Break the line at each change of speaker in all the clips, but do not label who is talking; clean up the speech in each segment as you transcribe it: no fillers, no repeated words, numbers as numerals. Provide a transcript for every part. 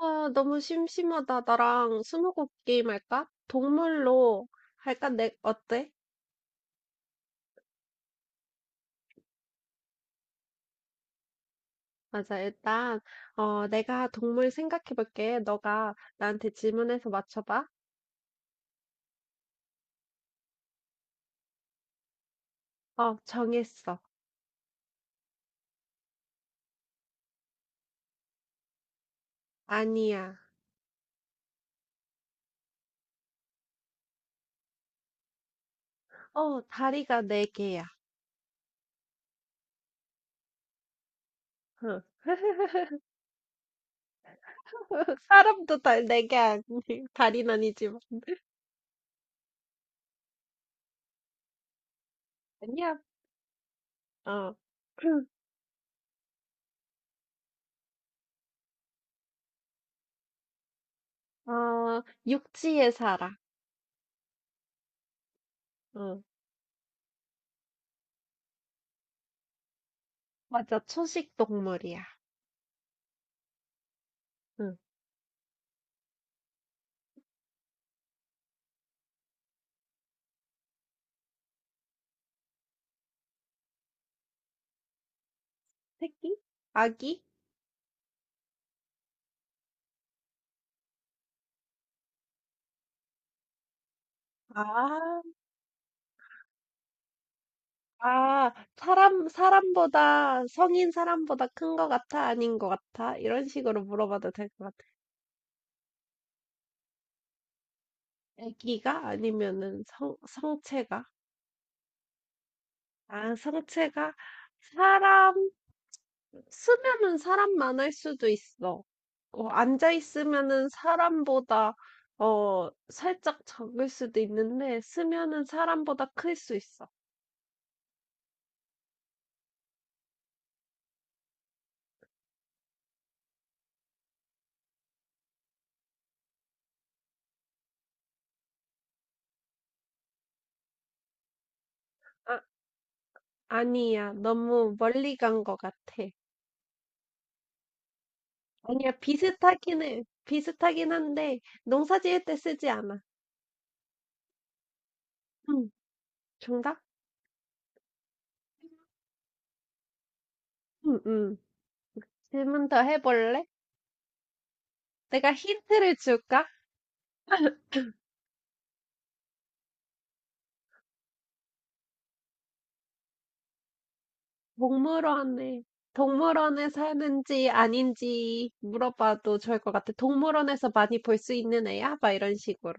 아, 너무 심심하다. 나랑 스무고개 게임 할까? 동물로 할까? 내, 어때? 맞아. 일단, 내가 동물 생각해 볼게. 너가 나한테 질문해서 맞춰봐. 어, 정했어. 아니야. 어, 다리가 네 개야. 응. 사람도 다, 네개 아니, 다리는 아니지만. 아니야. 어. 어, 육지에 살아. 응. 맞아. 초식 동물이야. 응. 새끼? 아기? 아. 아, 사람, 사람보다, 성인 사람보다 큰 거 같아? 아닌 거 같아? 이런 식으로 물어봐도 될 것 같아. 애기가? 아니면은 성, 성체가? 아, 성체가? 사람, 쓰면은 사람만 할 수도 있어. 어, 앉아 있으면은 사람보다, 어, 살짝 적을 수도 있는데, 쓰면은 사람보다 클 수 있어. 아, 아니야. 너무 멀리 간 것 같아. 아니야, 비슷하긴 해. 비슷하긴 한데, 농사 지을 때 쓰지 않아. 응, 정답? 응, 응. 질문 더 해볼래? 내가 힌트를 줄까? 동물원에, 동물원에 사는지 아닌지 물어봐도 좋을 것 같아. 동물원에서 많이 볼 수 있는 애야? 막 이런 식으로.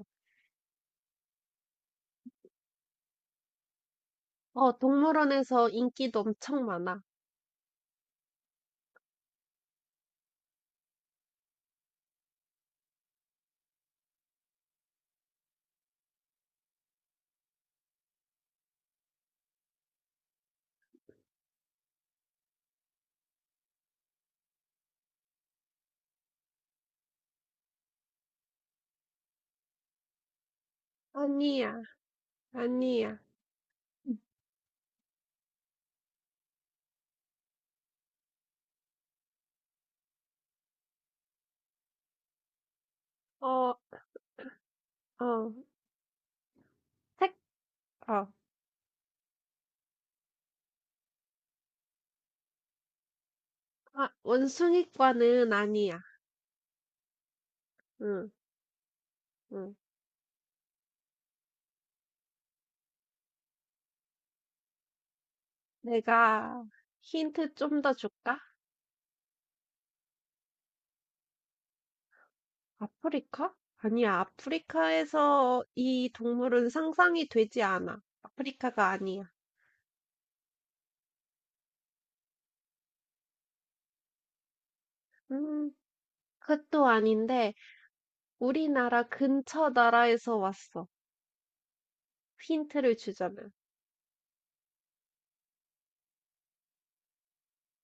어, 동물원에서 인기도 엄청 많아. 아니야, 아니야. 어, 어, 색, 어. 아, 원숭이과는 아니야. 응, 응. 내가 힌트 좀 더 줄까? 아프리카? 아니야, 아프리카에서 이 동물은 상상이 되지 않아. 아프리카가 아니야. 음, 그것도 아닌데, 우리나라 근처 나라에서 왔어. 힌트를 주자면.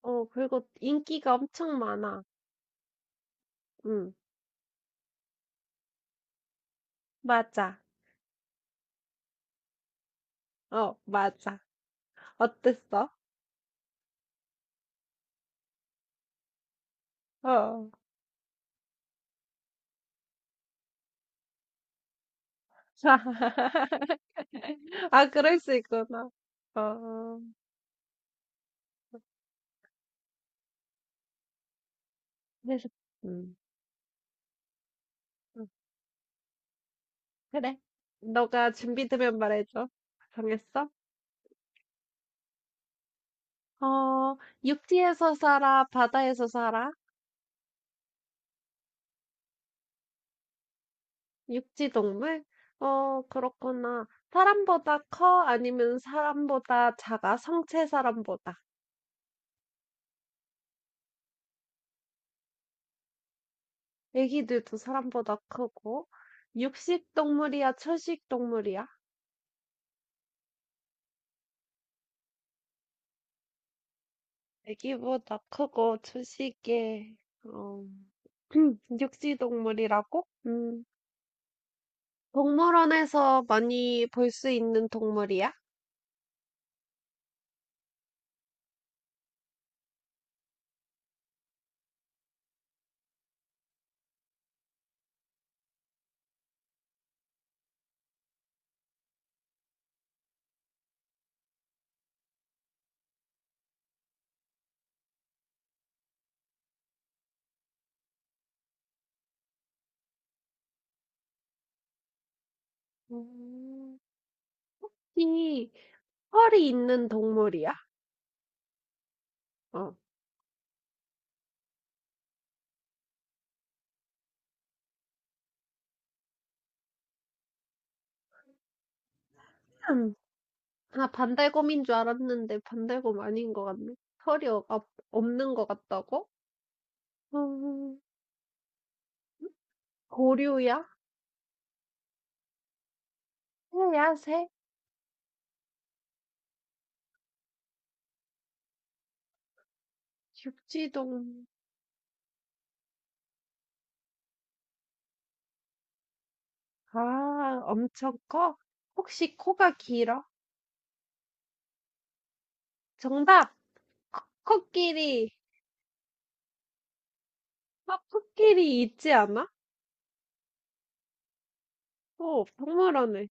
어, 그리고 인기가 엄청 많아. 응, 맞아. 어, 맞아. 어땠어? 어. 아, 그럴 수 있구나. 어, 그래서, 음. 그래. 너가 준비되면 말해줘. 정했어? 어, 육지에서 살아, 바다에서 살아? 육지 동물? 어, 그렇구나. 사람보다 커? 아니면 사람보다 작아? 성체 사람보다. 애기들도 사람보다 크고. 육식 동물이야, 초식 동물이야? 애기보다 크고, 초식에, 어, 육지 동물이라고? 음. 동물원에서 많이 볼 수 있는 동물이야? 음, 혹시 털이 있는 동물이야? 어. 음. 아, 반달곰인 줄 알았는데 반달곰 아닌 것 같네. 털이 없는 것 같다고? 음, 고류야? 새야, 새? 육지동 아, 엄청 커? 혹시 코가 길어? 정답! 코, 코끼리! 아, 코끼리 있지 않아? 어, 동물원에.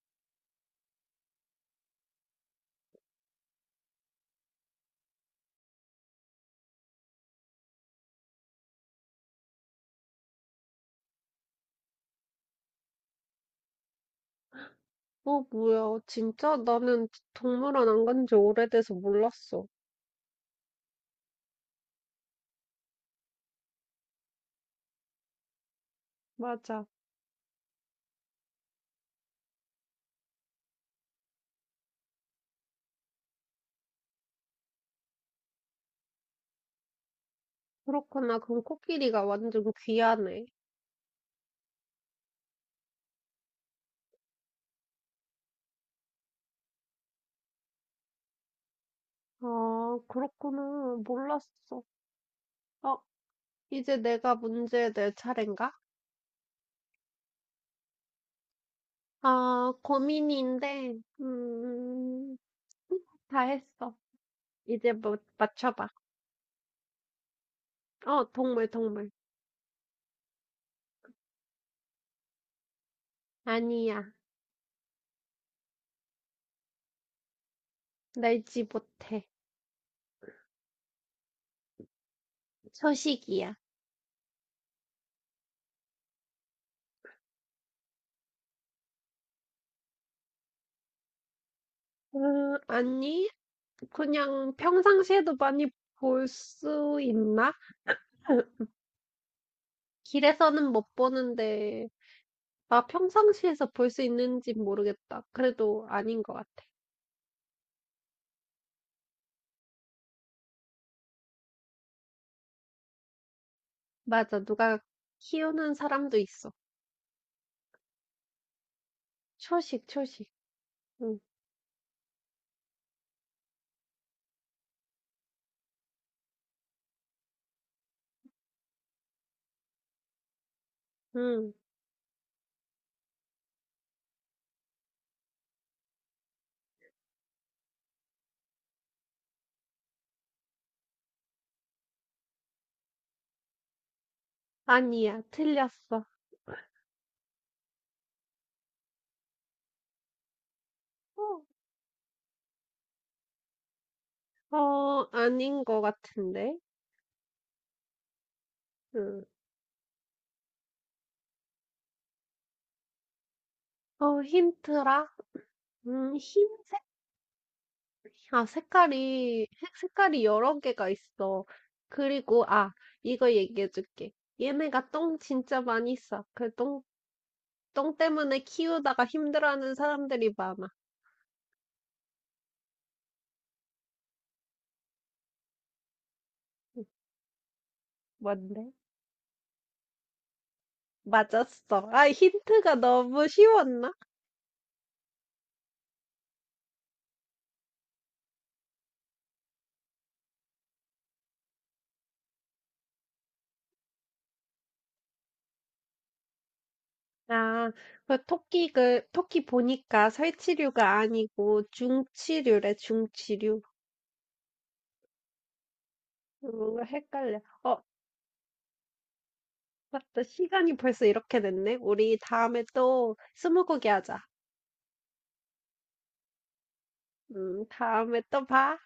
어, 뭐야. 진짜? 나는 동물원 안 간지 오래돼서 몰랐어. 맞아. 그렇구나. 그럼 코끼리가 완전 귀하네. 아, 그렇구나. 몰랐어. 어, 이제 내가 문제 낼 차례인가? 아, 고민인데, 음, 다 했어. 이제 뭐, 맞춰봐. 어, 동물, 동물. 아니야. 날지 못해. 초식이야. 아니, 그냥 평상시에도 많이 볼 수 있나? 길에서는 못 보는데, 나 평상시에서 볼 수 있는지 모르겠다. 그래도 아닌 것 같아. 맞아, 누가 키우는 사람도 있어. 초식, 초식. 응, 응. 아니야, 틀렸어. 어, 어, 아닌 것 같은데. 응. 어, 힌트라? 흰색? 아, 색깔이, 색깔이 여러 개가 있어. 그리고, 아, 이거 얘기해 줄게. 얘네가 똥 진짜 많이 싸. 그 똥, 똥 때문에 키우다가 힘들어하는 사람들이 많아. 응, 뭔데? 맞았어. 아, 힌트가 너무 쉬웠나? 아, 그 토끼, 그, 토끼 보니까 살치류가 아니고 중치류래, 중치류. 헷갈려. 어, 맞다. 시간이 벌써 이렇게 됐네. 우리 다음에 또 스무고개 하자. 다음에 또 봐.